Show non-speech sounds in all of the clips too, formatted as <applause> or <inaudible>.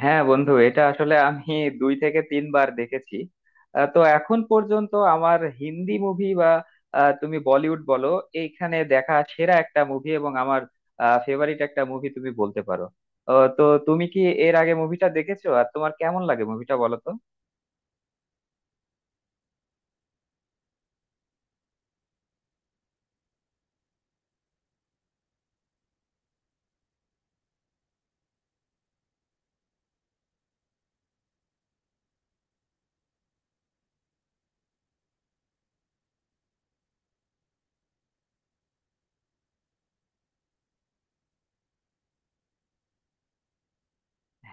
হ্যাঁ বন্ধু, এটা আসলে আমি দুই থেকে তিনবার দেখেছি। তো এখন পর্যন্ত আমার হিন্দি মুভি বা তুমি বলিউড বলো, এইখানে দেখা সেরা একটা মুভি এবং আমার ফেভারিট একটা মুভি তুমি বলতে পারো। তো তুমি কি এর আগে মুভিটা দেখেছো আর তোমার কেমন লাগে মুভিটা বলো তো?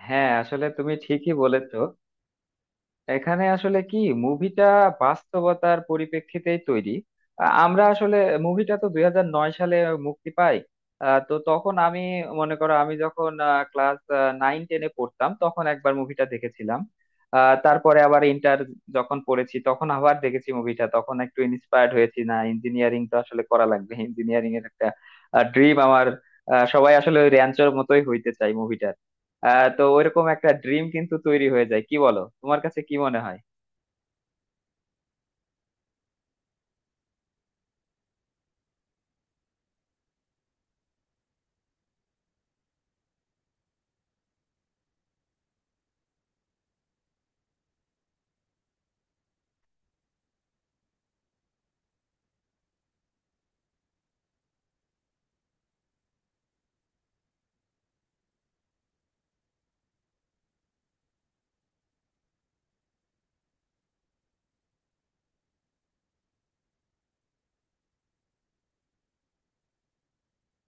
হ্যাঁ আসলে তুমি ঠিকই বলেছো। এখানে আসলে কি, মুভিটা বাস্তবতার পরিপ্রেক্ষিতেই তৈরি। আমরা আসলে মুভিটা তো 2009 সালে মুক্তি পাই। তো তখন আমি, মনে করো আমি যখন ক্লাস নাইন টেনে পড়তাম তখন একবার মুভিটা দেখেছিলাম। আ, তারপরে আবার ইন্টার যখন পড়েছি তখন আবার দেখেছি মুভিটা, তখন একটু ইন্সপায়ার্ড হয়েছি, না ইঞ্জিনিয়ারিং তো আসলে করা লাগবে, ইঞ্জিনিয়ারিং এর একটা ড্রিম আমার। সবাই আসলে ওই র্যাঞ্চোর মতোই হইতে চাই মুভিটা। তো ওইরকম একটা ড্রিম কিন্তু তৈরি হয়ে যায়, কি বলো, তোমার কাছে কি মনে হয়?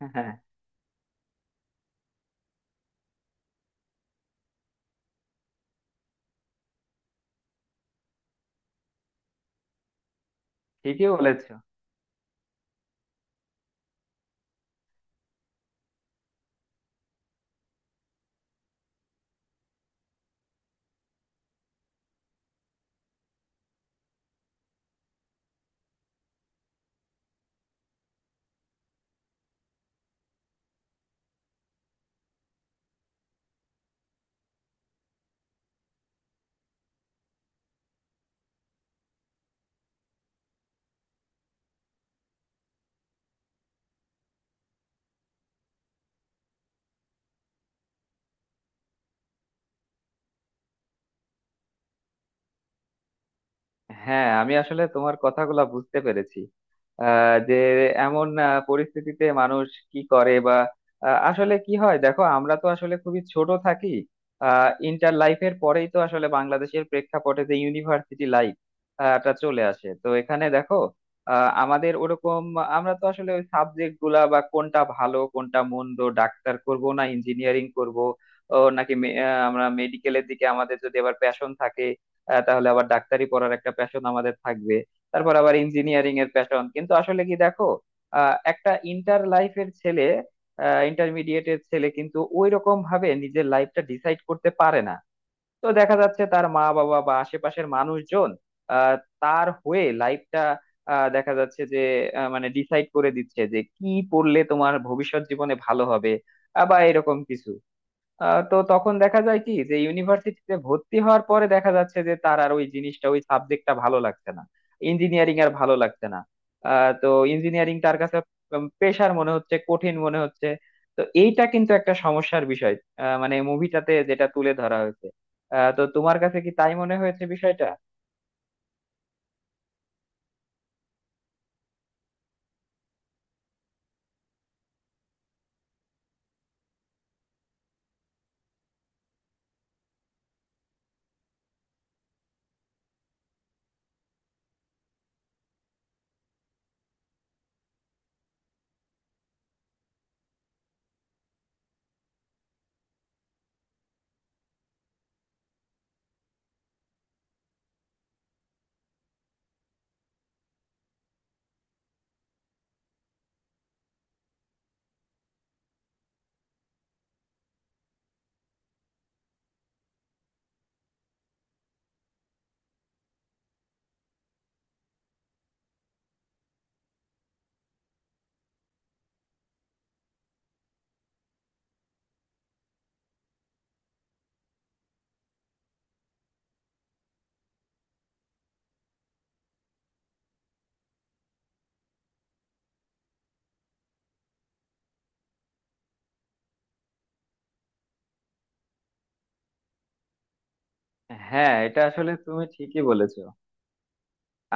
<laughs> হ্যাঁ, ঠিকই বলেছ। হ্যাঁ আমি আসলে তোমার কথাগুলা বুঝতে পেরেছি। যে এমন পরিস্থিতিতে মানুষ কি করে বা আসলে কি হয়, দেখো আমরা তো আসলে খুবই ছোট থাকি। ইন্টার লাইফের পরেই তো আসলে বাংলাদেশের প্রেক্ষাপটে যে ইউনিভার্সিটি লাইফ টা চলে আসে, তো এখানে দেখো আমাদের ওরকম, আমরা তো আসলে ওই সাবজেক্ট গুলা বা কোনটা ভালো কোনটা মন্দ, ডাক্তার করব না ইঞ্জিনিয়ারিং করব ও নাকি আমরা মেডিকেলের দিকে, আমাদের যদি আবার প্যাশন থাকে তাহলে আবার ডাক্তারি পড়ার একটা প্যাশন আমাদের থাকবে, তারপর আবার ইঞ্জিনিয়ারিং এর প্যাশন, কিন্তু আসলে কি দেখো, একটা ইন্টার লাইফের ছেলে, ইন্টারমিডিয়েটের ছেলে কিন্তু ওই রকম ভাবে নিজের লাইফটা ডিসাইড করতে পারে না। তো দেখা যাচ্ছে তার মা বাবা বা আশেপাশের মানুষজন আহ, তার হয়ে লাইফটা, দেখা যাচ্ছে যে মানে ডিসাইড করে দিচ্ছে যে কি পড়লে তোমার ভবিষ্যৎ জীবনে ভালো হবে বা এরকম কিছু। তো তখন দেখা যায় কি যে ইউনিভার্সিটিতে ভর্তি হওয়ার পরে দেখা যাচ্ছে যে তার আর ওই জিনিসটা, ওই সাবজেক্টটা ভালো লাগছে না, ইঞ্জিনিয়ারিং আর ভালো লাগছে না। তো ইঞ্জিনিয়ারিং তার কাছে পেশার মনে হচ্ছে, কঠিন মনে হচ্ছে। তো এইটা কিন্তু একটা সমস্যার বিষয়, মানে মুভিটাতে যেটা তুলে ধরা হয়েছে। তো তোমার কাছে কি তাই মনে হয়েছে বিষয়টা? হ্যাঁ এটা আসলে তুমি ঠিকই বলেছো।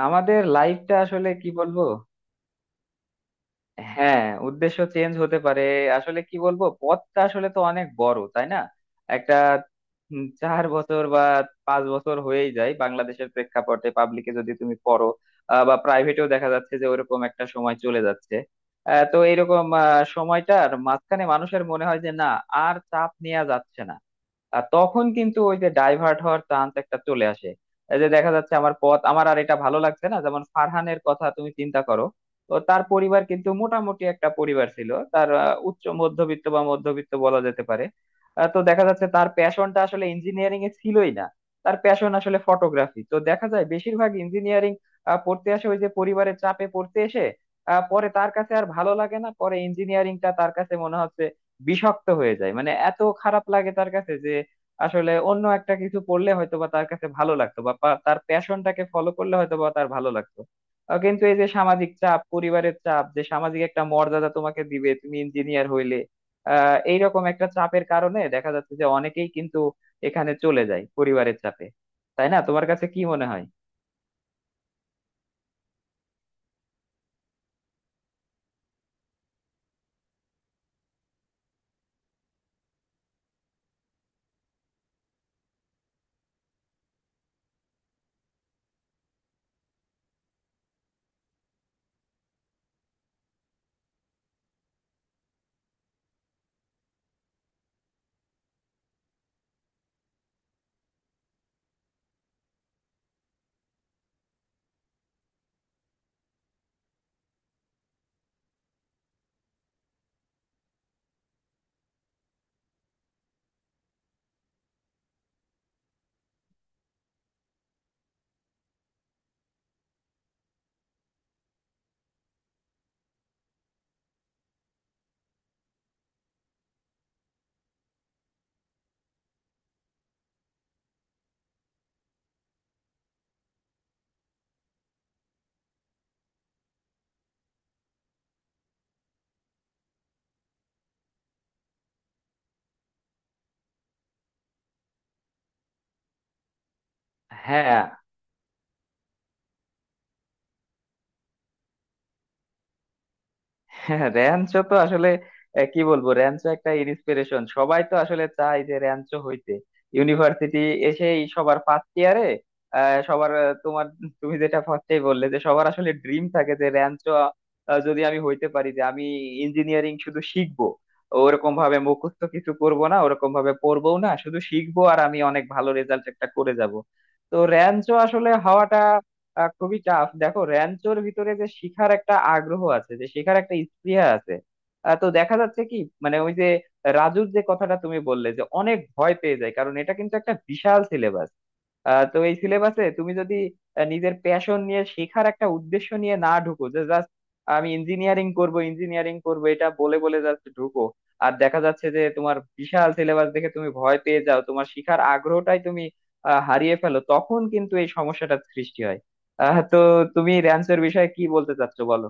আমাদের লাইফটা আসলে কি বলবো। হ্যাঁ, উদ্দেশ্য চেঞ্জ হতে পারে। আসলে কি বলবো, পথটা আসলে তো অনেক বড়, তাই না? একটা 4 বছর বা 5 বছর হয়েই যায় বাংলাদেশের প্রেক্ষাপটে, পাবলিকে যদি তুমি পড়ো বা প্রাইভেটেও, দেখা যাচ্ছে যে ওরকম একটা সময় চলে যাচ্ছে। তো এরকম সময়টার মাঝখানে মানুষের মনে হয় যে না, আর চাপ নেওয়া যাচ্ছে না, আর তখন কিন্তু ওই যে ডাইভার্ট হওয়ার চান্স একটা চলে আসে। এই যে দেখা যাচ্ছে আমার পথ, আমার আর এটা ভালো লাগছে না, যেমন ফারহানের কথা তুমি চিন্তা করো, তো তার পরিবার কিন্তু মোটামুটি একটা পরিবার ছিল তার, উচ্চ মধ্যবিত্ত বা মধ্যবিত্ত বলা যেতে পারে। তো দেখা যাচ্ছে তার প্যাশনটা আসলে ইঞ্জিনিয়ারিং এ ছিলই না, তার প্যাশন আসলে ফটোগ্রাফি। তো দেখা যায় বেশিরভাগ ইঞ্জিনিয়ারিং পড়তে আসে ওই যে পরিবারের চাপে, পড়তে এসে পরে তার কাছে আর ভালো লাগে না, পরে ইঞ্জিনিয়ারিংটা তার কাছে মনে হচ্ছে বিষাক্ত হয়ে যায়, মানে এত খারাপ লাগে তার কাছে, যে আসলে অন্য একটা কিছু পড়লে হয়তোবা তার কাছে ভালো লাগতো, বা তার প্যাশনটাকে ফলো করলে হয়তোবা তার ভালো লাগতো। কিন্তু এই যে সামাজিক চাপ, পরিবারের চাপ, যে সামাজিক একটা মর্যাদা তোমাকে দিবে তুমি ইঞ্জিনিয়ার হইলে, এইরকম একটা চাপের কারণে দেখা যাচ্ছে যে অনেকেই কিন্তু এখানে চলে যায় পরিবারের চাপে। তাই না? তোমার কাছে কি মনে হয়? হ্যাঁ। হ্যাঁ, র্যাঞ্চো তো আসলে কি বলবো, র্যাঞ্চো একটা ইন্সপিরেশন, সবাই তো আসলে চায় যে র্যাঞ্চো হইতে। ইউনিভার্সিটি এসেই সবার ফার্স্ট ইয়ারে সবার, তোমার, তুমি যেটা ফার্স্টেই বললে যে সবার আসলে ড্রিম থাকে যে র্যাঞ্চো, যদি আমি হইতে পারি, যে আমি ইঞ্জিনিয়ারিং শুধু শিখবো, ওরকম ভাবে মুখস্থ কিছু করব না, ওরকম ভাবে পড়বো না, শুধু শিখবো আর আমি অনেক ভালো রেজাল্ট একটা করে যাব। তো র্যাঞ্চো আসলে হওয়াটা খুবই টাফ। দেখো র্যাঞ্চোর ভিতরে যে শিখার একটা আগ্রহ আছে, যে শেখার একটা স্পৃহা আছে। তো দেখা যাচ্ছে কি, মানে ওই যে রাজুর যে কথাটা তুমি বললে যে অনেক ভয় পেয়ে যায়, কারণ এটা কিন্তু একটা বিশাল সিলেবাস। তো এই সিলেবাসে তুমি যদি নিজের প্যাশন নিয়ে, শেখার একটা উদ্দেশ্য নিয়ে না ঢুকো, যে জাস্ট আমি ইঞ্জিনিয়ারিং করব ইঞ্জিনিয়ারিং করব এটা বলে বলে জাস্ট ঢুকো, আর দেখা যাচ্ছে যে তোমার বিশাল সিলেবাস দেখে তুমি ভয় পেয়ে যাও, তোমার শেখার আগ্রহটাই তুমি হারিয়ে ফেলো, তখন কিন্তু এই সমস্যাটার সৃষ্টি হয়। তো তুমি র্যাঞ্চের বিষয়ে কি বলতে চাচ্ছো বলো?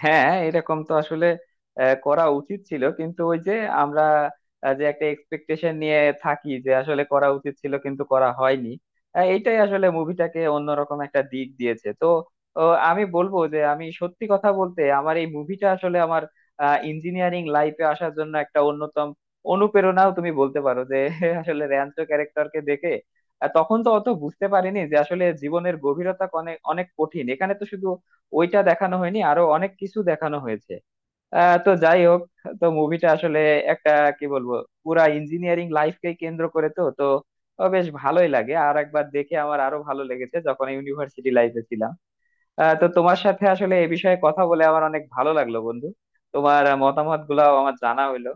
হ্যাঁ এরকম তো আসলে করা উচিত ছিল, কিন্তু ওই যে আমরা যে একটা এক্সপেকটেশন নিয়ে থাকি যে আসলে করা উচিত ছিল কিন্তু করা হয়নি। এইটাই আসলে মুভিটাকে অন্যরকম একটা দিক দিয়েছে, তো ও, আমি বলবো যে, আমি সত্যি কথা বলতে, আমার এই মুভিটা আসলে আমার ইঞ্জিনিয়ারিং লাইফে আসার জন্য একটা অন্যতম অনুপ্রেরণাও তুমি বলতে পারো যে <laughs> আসলে র্যাঞ্চো ক্যারেক্টারকে দেখে। তখন তো অত বুঝতে পারিনি যে আসলে জীবনের গভীরতা অনেক অনেক কঠিন, এখানে তো শুধু ওইটা দেখানো হয়নি, আরো অনেক কিছু দেখানো হয়েছে। তো যাই হোক, তো মুভিটা আসলে একটা, কি বলবো, পুরা ইঞ্জিনিয়ারিং লাইফকে কেন্দ্র করে, তো তো ও বেশ ভালোই লাগে, আর একবার দেখে আমার আরো ভালো লেগেছে যখন ইউনিভার্সিটি লাইফে ছিলাম। তো তোমার সাথে আসলে এ বিষয়ে কথা বলে আমার অনেক ভালো লাগলো বন্ধু, তোমার মতামত গুলাও আমার জানা হইলো।